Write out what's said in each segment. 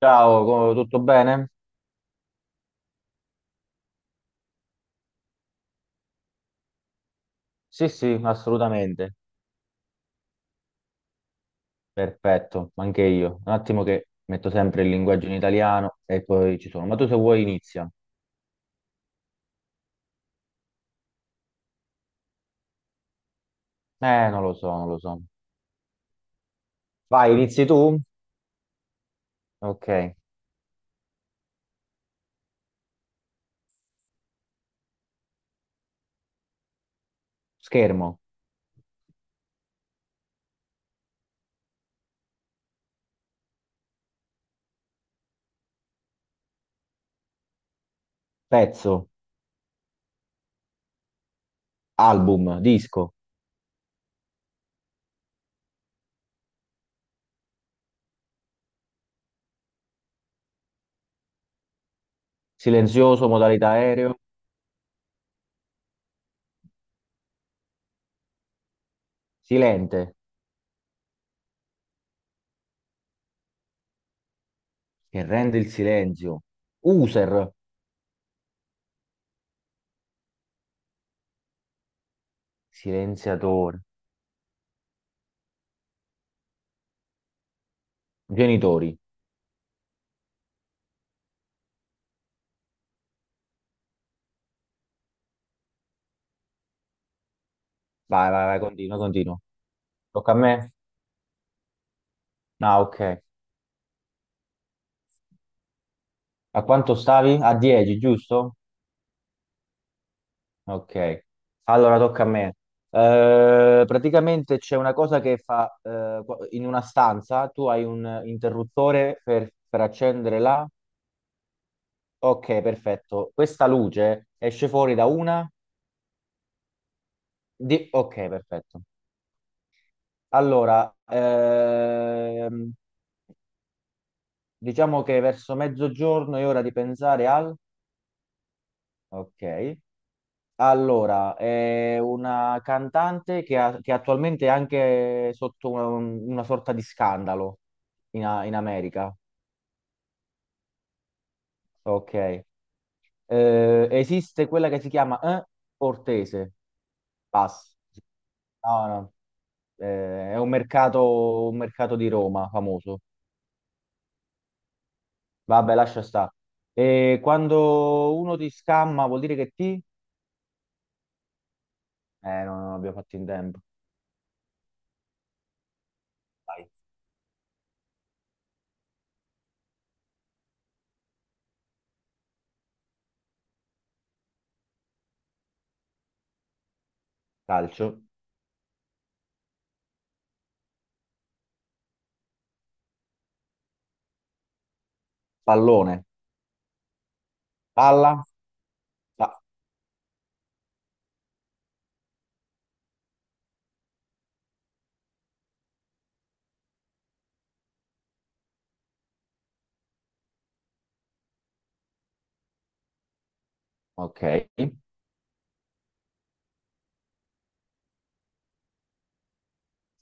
Ciao, tutto bene? Sì, sì, assolutamente. Perfetto, anche io. Un attimo che metto sempre il linguaggio in italiano e poi ci sono. Ma tu se vuoi inizia. Non lo so, non lo so. Vai, inizi tu? Ok. Schermo, pezzo, album, disco, silenzioso, modalità aereo, silente, che rende il silenzio, user, silenziatore, genitori. Vai, vai, vai, continua, continua. Tocca a me? Ah, ok. A quanto stavi? A 10, giusto? Ok. Allora tocca a me. Praticamente c'è una cosa che fa in una stanza, tu hai un interruttore per accendere la... Ok, perfetto. Questa luce esce fuori da una... Ok, perfetto. Allora, diciamo che verso mezzogiorno è ora di pensare al... Ok. Allora, è una cantante che attualmente è anche sotto una sorta di scandalo in America. Ok. Esiste quella che si chiama Ortese. Pass. No, no. È un mercato di Roma famoso. Vabbè, lascia stare. E quando uno ti scamma vuol dire che ti... no, non abbiamo fatto in tempo. Dai, calcio. Pallone. Palla. Pa- ok.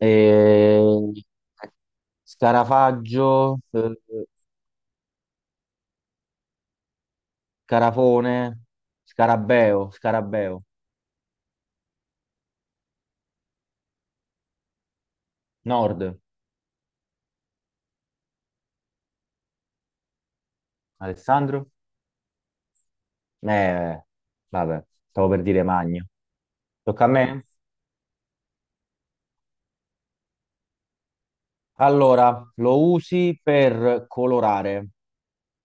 E- Scarafaggio, Scarafone, Scarabeo, Scarabeo, Nord, Alessandro? Eh, vabbè, stavo per dire Magno. Tocca a me? Allora, lo usi per colorare.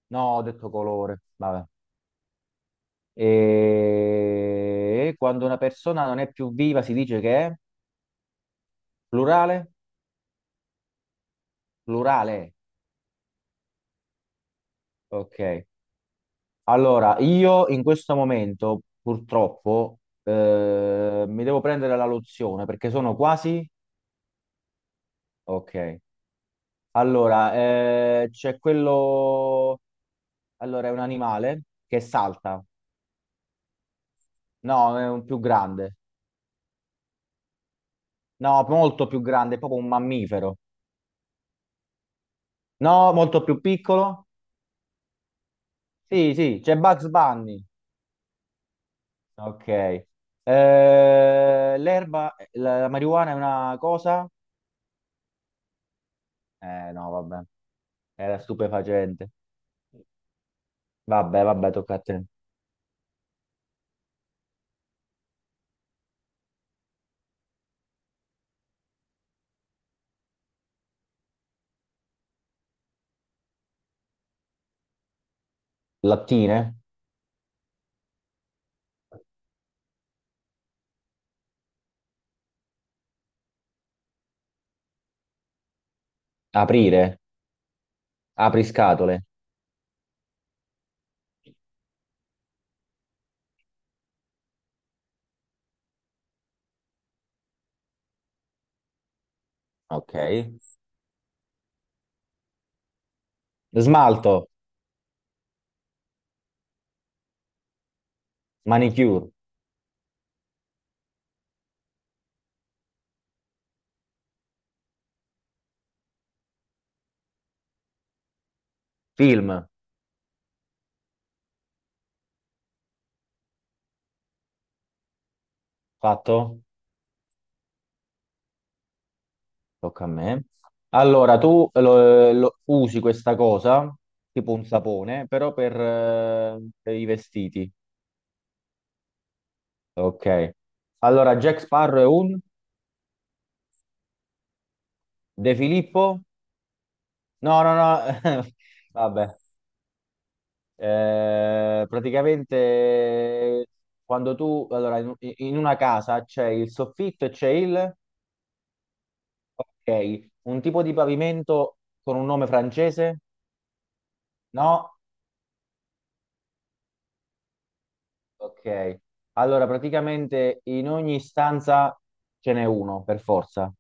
No, ho detto colore, vabbè. E quando una persona non è più viva si dice che è plurale? Plurale, ok. Allora, io in questo momento purtroppo mi devo prendere la lozione perché sono quasi... Ok. Allora, c'è quello... Allora, è un animale che salta. No, è un più grande. No, molto più grande, è proprio un mammifero. No, molto più piccolo. Sì, sì, c'è Bugs Bunny. Ok. L'erba, la marijuana è una cosa? No, vabbè, era stupefacente. Vabbè, vabbè, tocca a te. Lattine? Aprire? Apri scatole? Ok. Smalto? Manicure? Film? Fatto? Tocca a me. Allora, tu usi questa cosa, tipo un sapone, però per i vestiti. Ok. Allora, Jack Sparrow è un... De Filippo? No, no, no. Vabbè. Praticamente quando tu, allora, in una casa c'è il soffitto e c'è il... Ok, un tipo di pavimento con un nome francese? No? Ok. Allora, praticamente in ogni stanza ce n'è uno, per forza.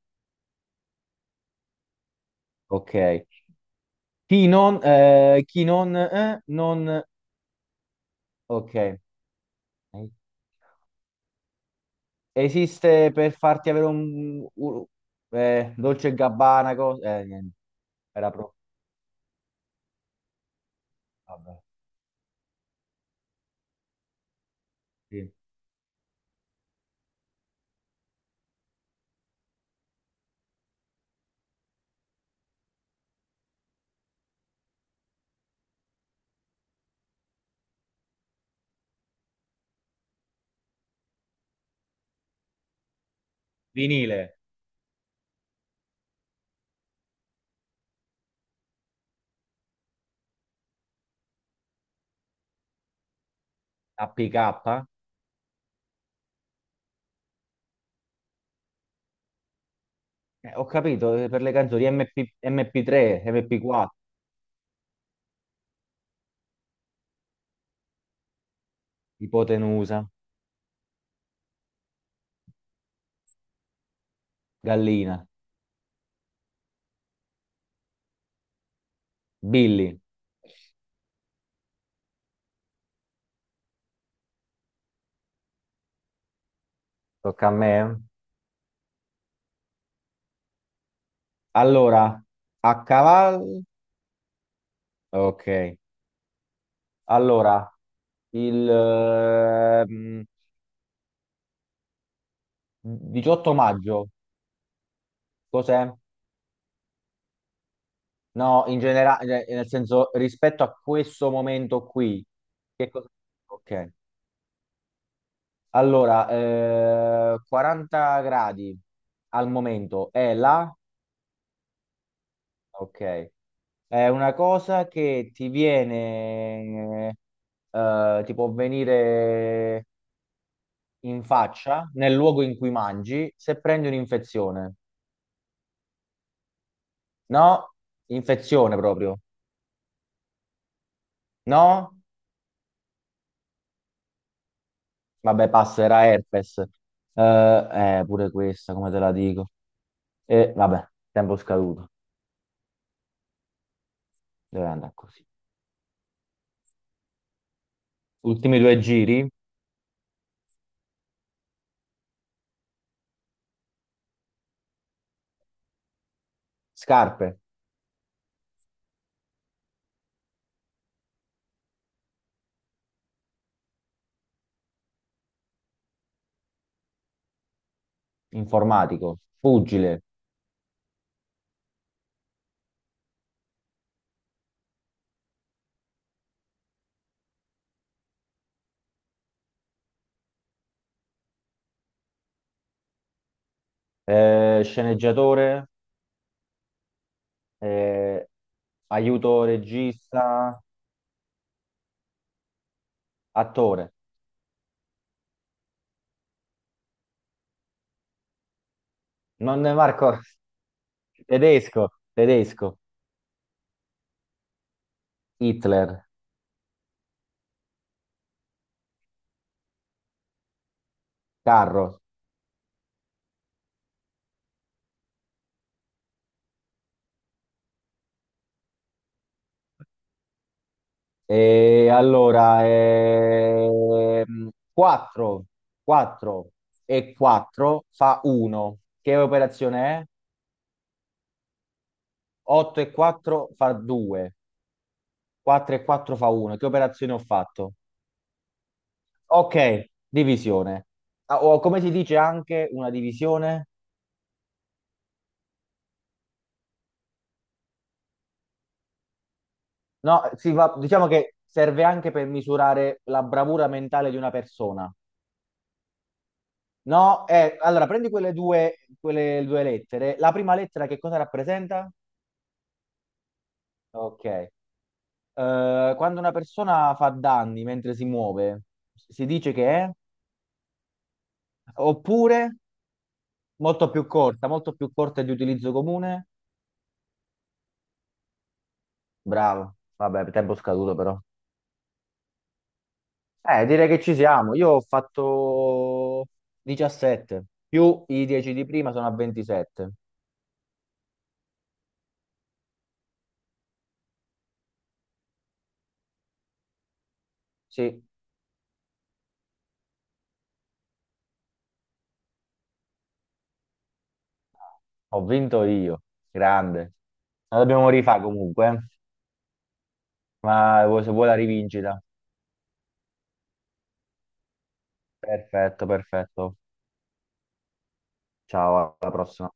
Ok. Chi non, non... Ok. Esiste per farti avere Dolce e Gabbana, cosa... niente. Era proprio... Sì. Vinile. APK, ho capito, per le canzoni MP, MP3, MP4. Ipotenusa. Gallina. Billy. Tocca a me. Allora, a cavallo, ok. Allora, il 18 maggio, cos'è? No, in generale, nel senso, rispetto a questo momento qui, che cosa? Ok. Allora, 40 gradi al momento è la... Ok, è una cosa che ti viene, ti può venire in faccia nel luogo in cui mangi se prendi un'infezione. No? Infezione proprio. No? Vabbè, passa, era herpes. Eh, pure questa, come te la dico. E vabbè, tempo scaduto. Deve andare così. Ultimi due giri. Scarpe, informatico, pugile, sceneggiatore. eh, Aiuto regista, attore. Non Marco, tedesco, tedesco, Hitler, carro. E allora, 4, 4 e 4 fa 1. Che operazione è? 8 e 4 fa 2. 4 e 4 fa 1. Che operazione ho fatto? Ok, divisione. Ah, o come si dice anche una divisione? No, diciamo che serve anche per misurare la bravura mentale di una persona. No, allora prendi quelle due lettere. La prima lettera che cosa rappresenta? Ok. Quando una persona fa danni mentre si muove, si dice che è? Oppure, molto più corta di utilizzo comune? Bravo. Vabbè, tempo scaduto però. Direi che ci siamo. Io ho fatto 17, più i 10 di prima sono a 27. Sì. Ho vinto io, grande. La dobbiamo rifare comunque, eh. Ma se vuoi la rivincita. Perfetto, perfetto. Ciao, alla prossima.